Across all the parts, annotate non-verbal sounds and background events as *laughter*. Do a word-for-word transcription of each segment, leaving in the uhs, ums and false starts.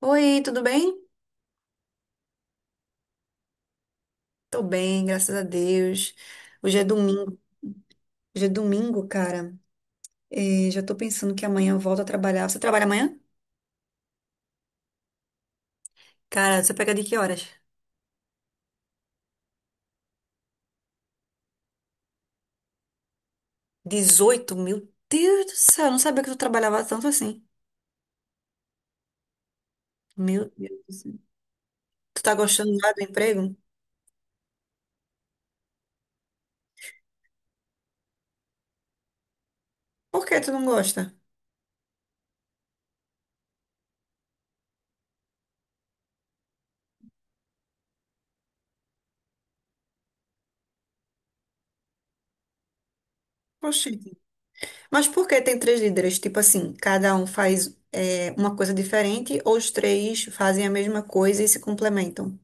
Oi, tudo bem? Tô bem, graças a Deus. Hoje é domingo. Hoje é domingo, cara. Eh, já tô pensando que amanhã eu volto a trabalhar. Você trabalha amanhã? Cara, você pega de que horas? Dezoito, meu Deus do céu, eu não sabia que tu trabalhava tanto assim. Meu Deus do céu. Tu tá gostando lá do emprego? Por que tu não gosta? Oxi. Mas por que tem três líderes? Tipo assim, cada um faz, eh, uma coisa diferente, ou os três fazem a mesma coisa e se complementam?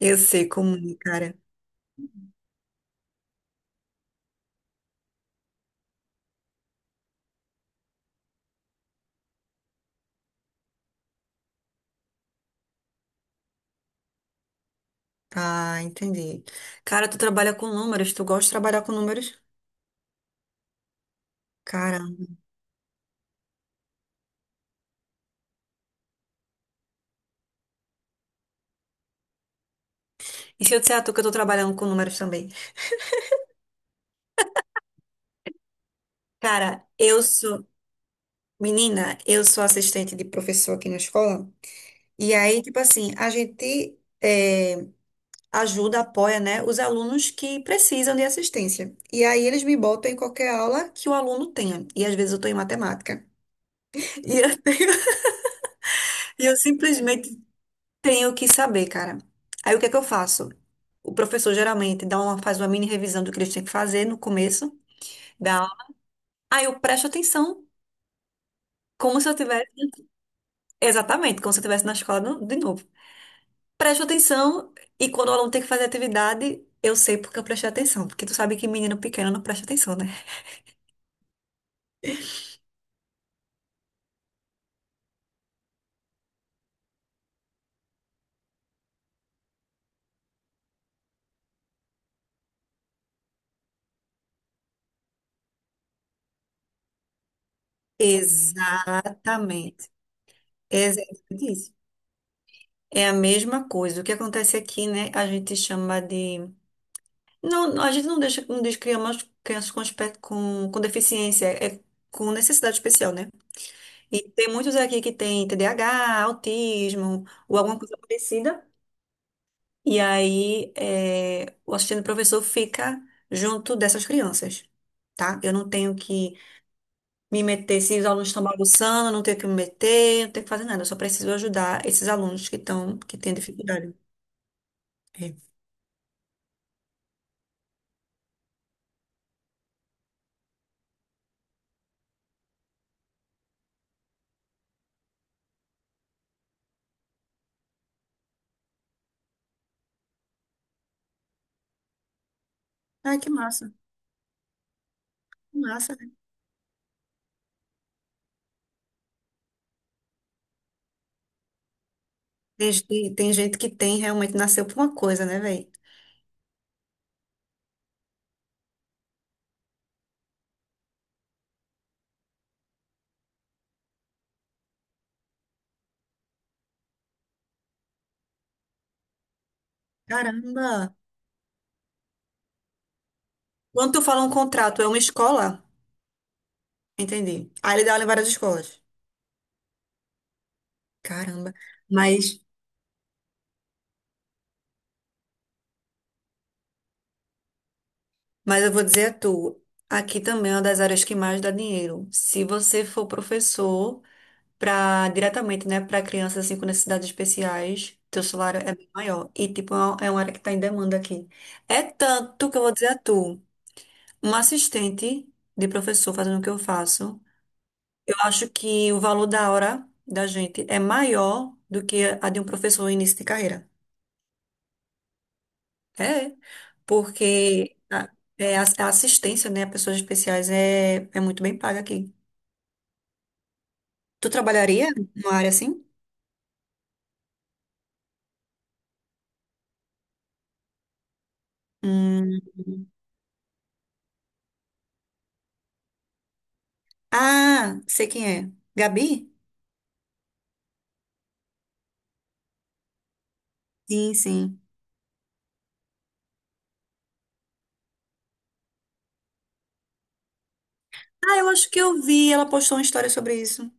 Eu sei como, é, cara. Tá, entendi. Cara, tu trabalha com números, tu gosta de trabalhar com números? Cara. E se eu disser a tu que eu tô trabalhando com números também? Cara, eu sou, menina, eu sou assistente de professor aqui na escola. E aí, tipo assim, a gente eh, ajuda, apoia, né, os alunos que precisam de assistência. E aí eles me botam em qualquer aula que o aluno tenha. E às vezes eu tô em matemática. E eu, *laughs* e eu simplesmente tenho que saber, cara. Aí o que é que eu faço? O professor geralmente dá uma, faz uma mini revisão do que eles têm que fazer no começo da aula. Aí eu presto atenção, como se eu tivesse, exatamente, como se eu estivesse na escola no- de novo. Presto atenção e, quando o aluno tem que fazer atividade, eu sei porque eu prestei atenção, porque tu sabe que menino pequeno não presta atenção, né? Exatamente. É exatamente isso. É a mesma coisa. O que acontece aqui, né? A gente chama de não, a gente não deixa, não deixa crianças crianças com, aspe- com, com deficiência, é, com necessidade especial, né? E tem muitos aqui que tem T D A H, autismo ou alguma coisa parecida. E aí é, o assistente professor fica junto dessas crianças, tá? Eu não tenho que me meter, se os alunos estão bagunçando, eu não tenho que me meter, não tenho que fazer nada, eu só preciso ajudar esses alunos que estão, que têm dificuldade. É. Ai, que massa, que massa, né? Tem, gente- tem gente que tem realmente nasceu por uma coisa, né, velho? Caramba! Quando tu fala um contrato, é uma escola? Entendi. Aí ele dá aula em várias escolas. Caramba. Mas, mas eu vou dizer a tu, aqui também é uma das áreas que mais dá dinheiro. Se você for professor para diretamente, né, para crianças assim com necessidades especiais, teu salário é bem maior. E tipo, é uma é uma área que está em demanda aqui. É tanto que eu vou dizer a tu, uma assistente de professor fazendo o que eu faço. Acho que o valor da hora da gente é maior do que a de um professor em início de carreira. É, porque a, é, a- a assistência, né, a pessoas especiais é, é muito bem paga aqui. Tu trabalharia numa área assim? Hum. Ah, sei quem é. Gabi? Sim, sim. Ah, eu acho que eu vi, ela postou uma história sobre isso.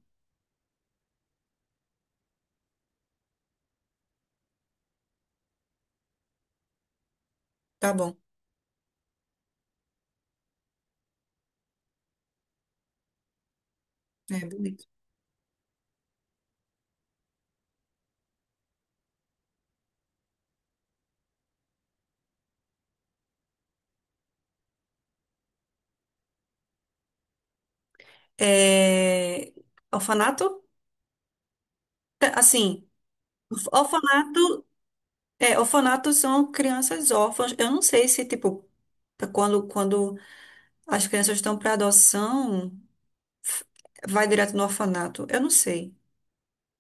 Tá bom. É, bonito. É, orfanato? É, assim, orfanato. É, orfanatos são crianças órfãs. Eu não sei se, tipo, quando, quando as crianças estão para adoção, f- vai direto no orfanato. Eu não sei.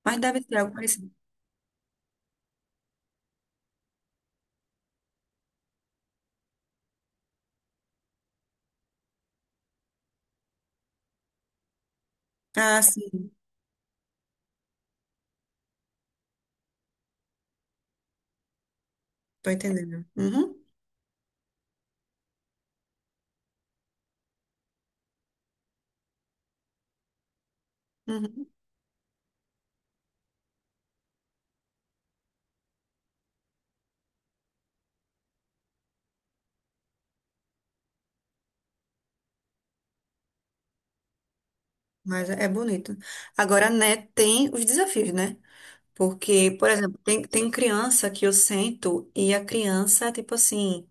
Mas deve ter algo parecido. Ah, sim, tô entendendo. Uhum, uhum. Mas é é bonito. Agora, né, tem os desafios, né? Porque, por exemplo, tem, tem criança que eu sento e a criança, tipo assim.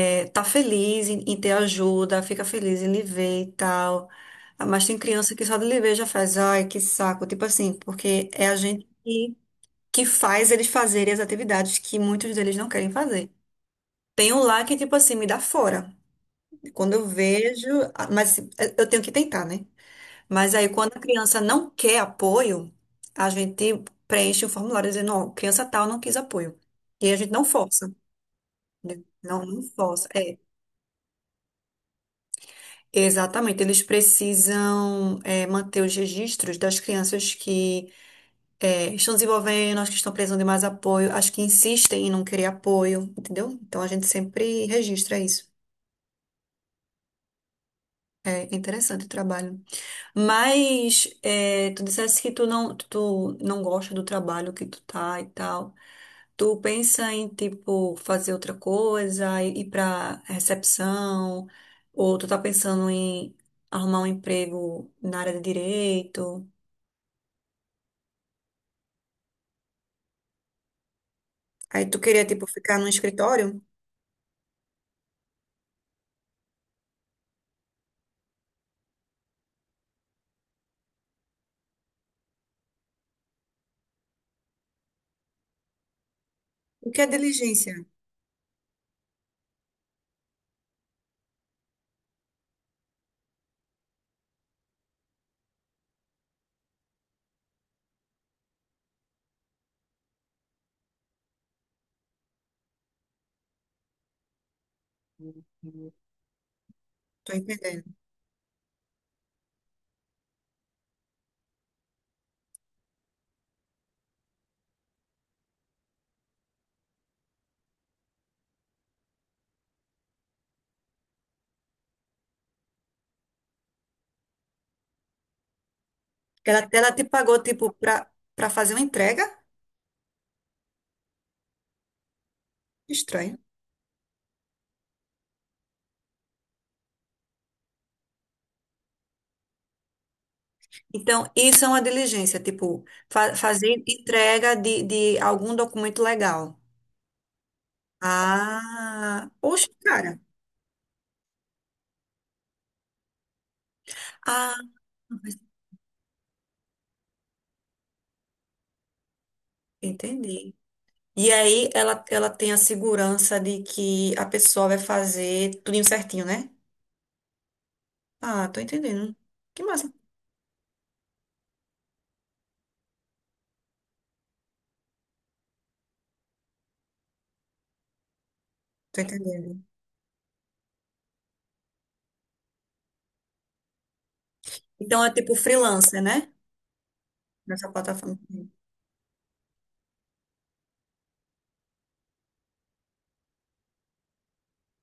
É, tá feliz em, em ter ajuda, fica feliz em lhe ver e tal. Ah, mas tem criança que só de lhe ver já faz, ai, que saco. Tipo assim, porque é a gente que, que faz eles fazerem as atividades que muitos deles não querem fazer. Tem um lá que, tipo assim, me dá fora. Quando eu vejo, ah, mas assim, eh, eu tenho que tentar, né? Mas aí, quando a criança não quer apoio, a gente preenche um formulário dizendo, ó, criança tal não quis apoio. E a gente não força, né? Não, não força. É, exatamente, eles precisam eh, manter os registros das crianças que eh, estão desenvolvendo, as que estão precisando de mais apoio, as que insistem em não querer apoio, entendeu? Então a gente sempre registra isso. É interessante o trabalho. Mas eh, tu dissesse que tu não, tu não gosta do trabalho que tu tá e tal. Tu pensa em, tipo, fazer outra coisa, ir ir pra recepção, ou tu tá pensando em arrumar um emprego na área de direito. Aí tu queria, tipo, ficar no escritório? O que é diligência? Tô entendendo. Ela, ela te pagou, tipo, pra, pra fazer uma entrega? Estranho. Então, isso é uma diligência, tipo, fa- fazer entrega de, de algum documento legal. Ah, poxa, cara. Ah, entendi. E aí ela, ela tem a segurança de que a pessoa vai fazer tudo certinho, né? Ah, tô entendendo. Que massa. Tô entendendo. Então é tipo freelancer, né? Nessa plataforma.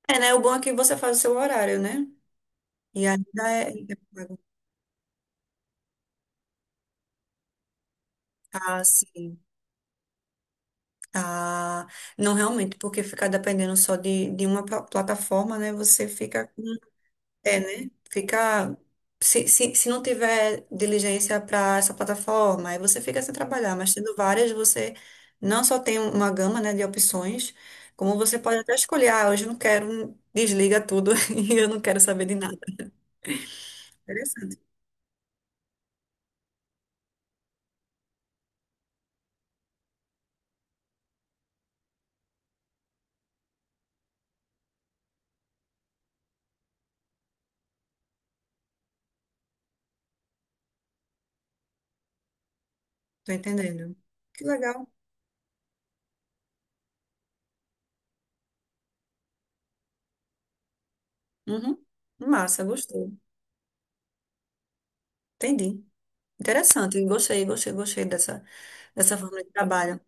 É, né? O bom é que você faz o seu horário, né? E ainda é. Ah, sim. Ah, não realmente, porque ficar dependendo só de, de uma pla- plataforma, né? Você fica com. É, né? Fica. Se, se, se não tiver diligência para essa plataforma, aí você fica sem trabalhar, mas tendo várias, você não só tem uma gama, né, de opções, como você pode até escolher, ah, hoje eu não quero, um, desliga tudo *laughs* e eu não quero saber de nada. Interessante, tô entendendo. Que legal. Uhum. Massa, gostei. Entendi. Interessante, gostei, gostei, gostei dessa, dessa forma de trabalho.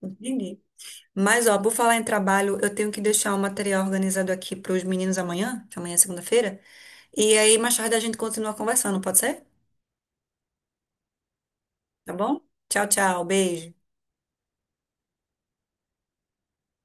Entendi. Mas, ó, por falar em trabalho, eu tenho que deixar o material organizado aqui para os meninos amanhã, que amanhã é segunda-feira. E aí, mais tarde a gente continua conversando, pode ser? Tá bom? Tchau, tchau. Beijo.